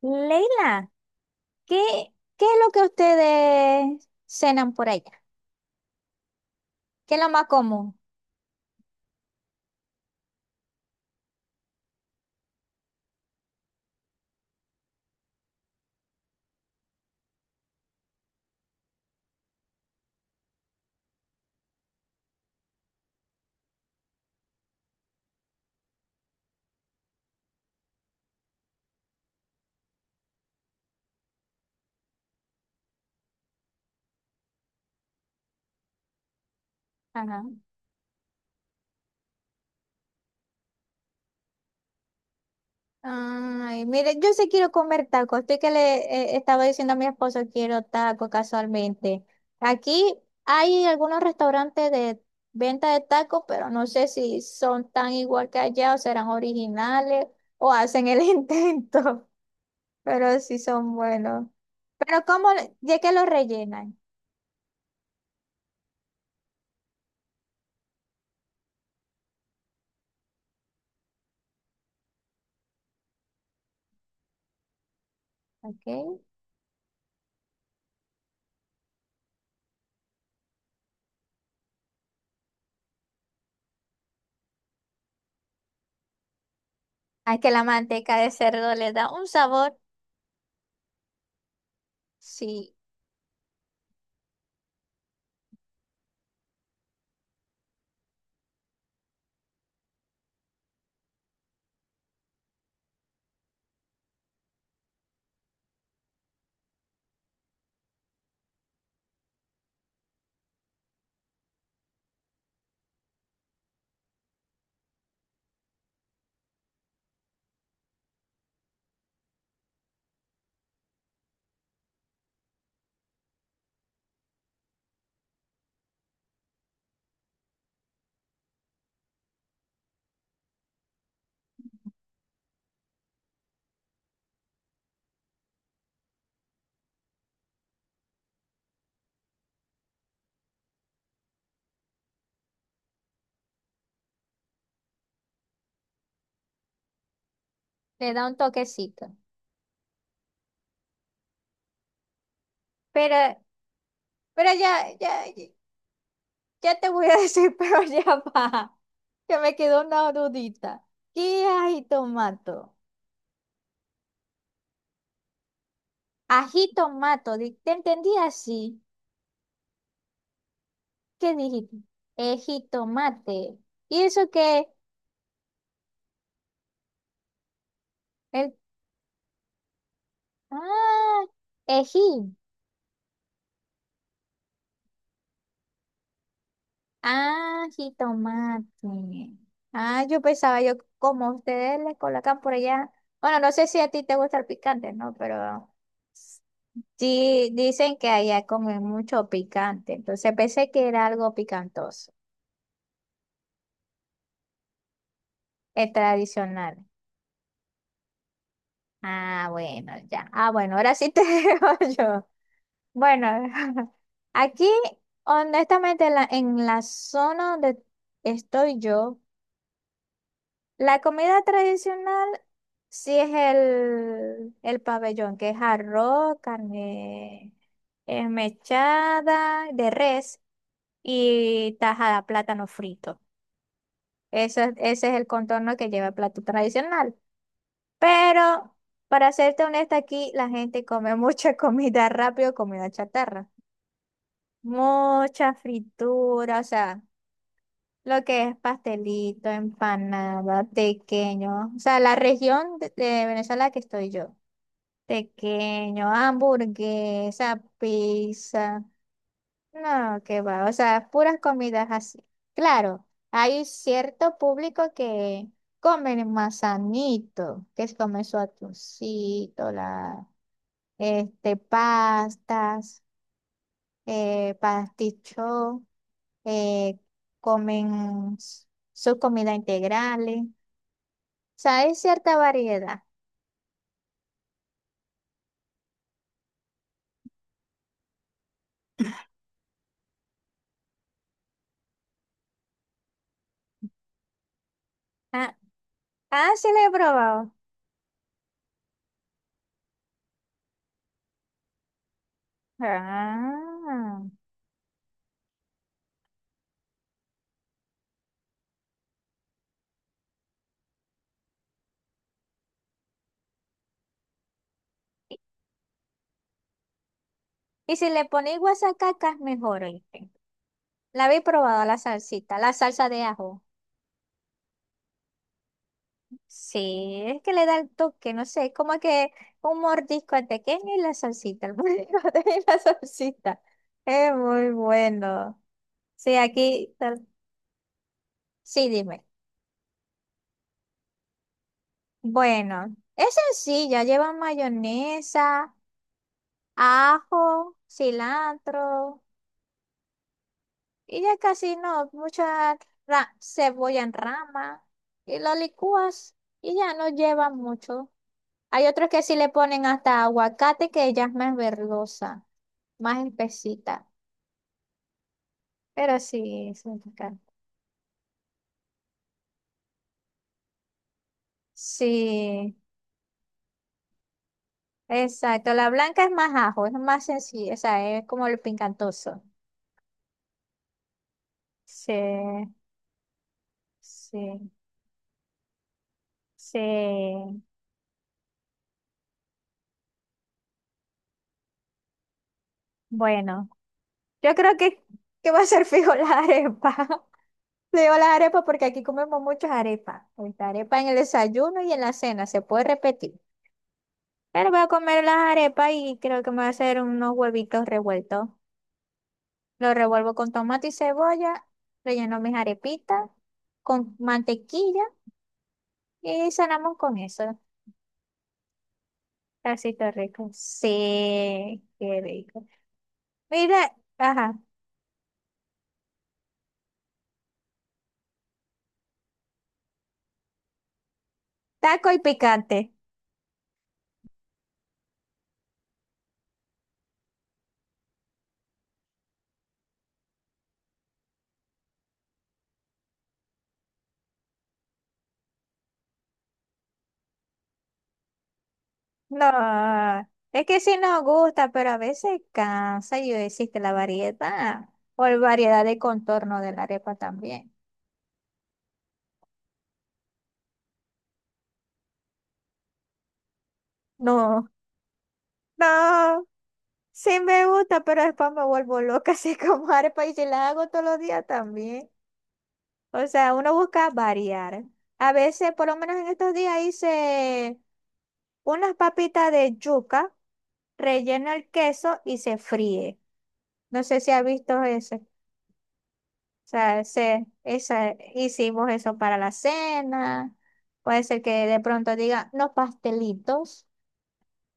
Leila, ¿qué, qué es lo que ustedes cenan por allá? ¿Qué es lo más común? Ajá. Ay, mire, yo sí quiero comer tacos. Estoy que le estaba diciendo a mi esposo, quiero tacos casualmente. Aquí hay algunos restaurantes de venta de tacos, pero no sé si son tan igual que allá o serán originales o hacen el intento, pero sí son buenos. Pero ¿cómo? Ya que los rellenan, ¿ok? Ah, que la manteca de cerdo le da un sabor, sí, le da un toquecito. Pero, pero ya te voy a decir, pero ya va, que me quedó una dudita. ¿Qué ají tomato? Ají tomato, ¿te entendí así? ¿Qué dijiste? Ejitomate. ¿Y eso qué? El, ah, ejí. Ah, jitomate. Ah, yo pensaba, yo como ustedes le colocan por allá. Bueno, no sé si a ti te gusta el picante, ¿no? Pero sí dicen que allá comen mucho picante. Entonces pensé que era algo picantoso, es tradicional. Ah, bueno, ya. Ah, bueno, ahora sí te digo yo. Bueno, aquí, honestamente, en la zona donde estoy yo. La comida tradicional sí es el pabellón, que es arroz, carne mechada de res y tajada, plátano frito. Ese es el contorno que lleva el plato tradicional. Pero, para serte honesta, aquí la gente come mucha comida rápido, comida chatarra. Mucha fritura, o sea. Lo que es pastelito, empanada, tequeño. O sea, la región de Venezuela que estoy yo. Tequeño, hamburguesa, pizza. No, qué va. O sea, puras comidas así. Claro, hay cierto público que comen más sanito, que es comer su atuncito, este, pastas, pasticho, eh, comen s- sus comidas integrales. O sea, hay cierta variedad. Ah, ah, sí le he probado. Ah. Y si le ponéis guasacacas, mejor, oíste. La habéis probado la salsita, la salsa de ajo. Sí, es que le da el toque, no sé, como que un mordisco al pequeño y la salsita, el mordisco y la salsita. Es muy bueno. Sí, aquí, tal- sí, dime. Bueno, es sencilla, lleva mayonesa, ajo, cilantro. Y ya casi no, mucha cebolla en rama y lo licúas y ya no lleva mucho. Hay otros que sí le ponen hasta aguacate que ya es más verdosa, más espesita. Pero sí, es muy rica. Sí, exacto. La blanca es más ajo, es más sencilla, o sea, es como el pincantoso. Sí, sí, sí. Bueno, yo creo que va a ser fijo la arepa. Le digo las arepas porque aquí comemos muchas arepas. Ahorita arepa en el desayuno y en la cena, se puede repetir. Pero voy a comer las arepas y creo que me voy a hacer unos huevitos revueltos. Los revuelvo con tomate y cebolla, relleno mis arepitas con mantequilla y cenamos con eso. Casito rico. Sí, qué rico. Mira, ajá, taco y picante. No, es que sí nos gusta, pero a veces cansa y existe la variedad o la variedad de contorno de la arepa también. No, no, sí me gusta, pero después me vuelvo loca así como arepa y si la hago todos los días también. O sea, uno busca variar. A veces, por lo menos en estos días hice unas papitas de yuca, relleno el queso y se fríe. No sé si has visto eso. O sea, hicimos eso para la cena. Puede ser que de pronto diga no pastelitos,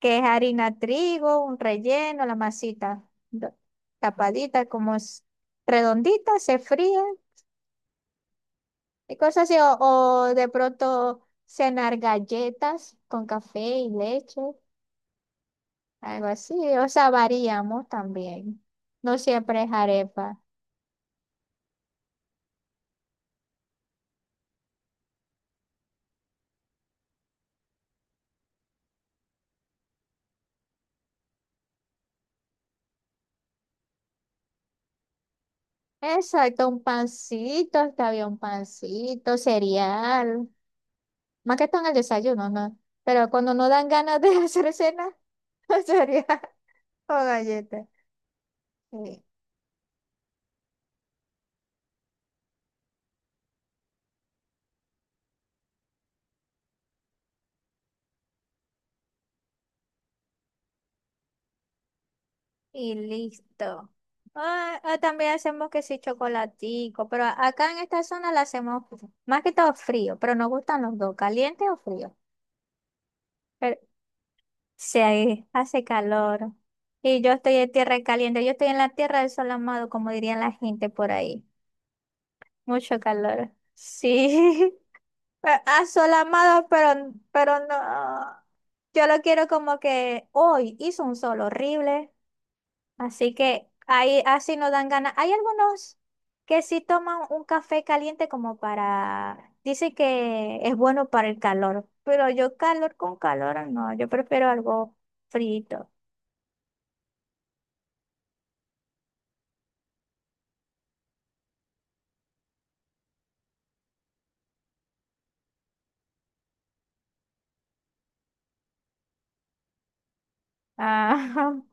que es harina trigo, un relleno, la masita do- tapadita, como es redondita, se fríe y cosas así. O de pronto cenar galletas con café y leche, algo así. O sea, variamos también. No siempre es arepa. Exacto, un pancito, está bien, un pancito, cereal. Más que todo en el desayuno, ¿no? Pero cuando no dan ganas de hacer cena, sería o galletas. Sí. Y listo. Ah, ah, también hacemos que sí, chocolatico, pero acá en esta zona la hacemos más que todo frío, pero nos gustan los dos, caliente o frío. Pero sí, ahí hace calor. Y yo estoy en tierra caliente, yo estoy en la tierra del sol amado, como dirían la gente por ahí. Mucho calor. Sí. Pero, ah, amado, pero no. Yo lo quiero como que hoy hizo un sol horrible, así que ahí así no dan ganas. Hay algunos que sí toman un café caliente como para, dice que es bueno para el calor, pero yo calor con calor no, yo prefiero algo frito. Ah,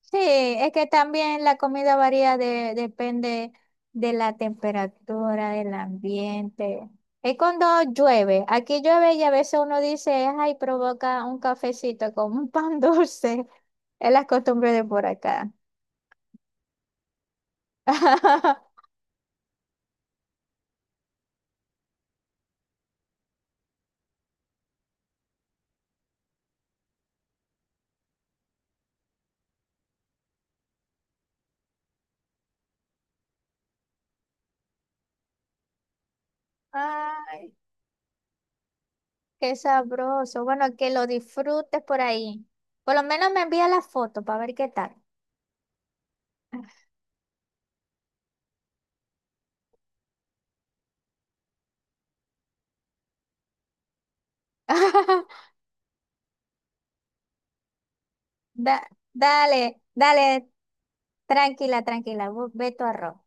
sí, es que también la comida varía de, depende de la temperatura, del ambiente. Es cuando llueve. Aquí llueve y a veces uno dice, ay, provoca un cafecito con un pan dulce. Es la costumbre de por acá. Ay, qué sabroso. Bueno, que lo disfrutes por ahí. Por lo menos me envía la foto para ver qué tal. Da- dale, dale, tranquila, tranquila. Ve tu arroz.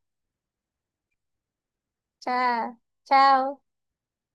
Chao, chao.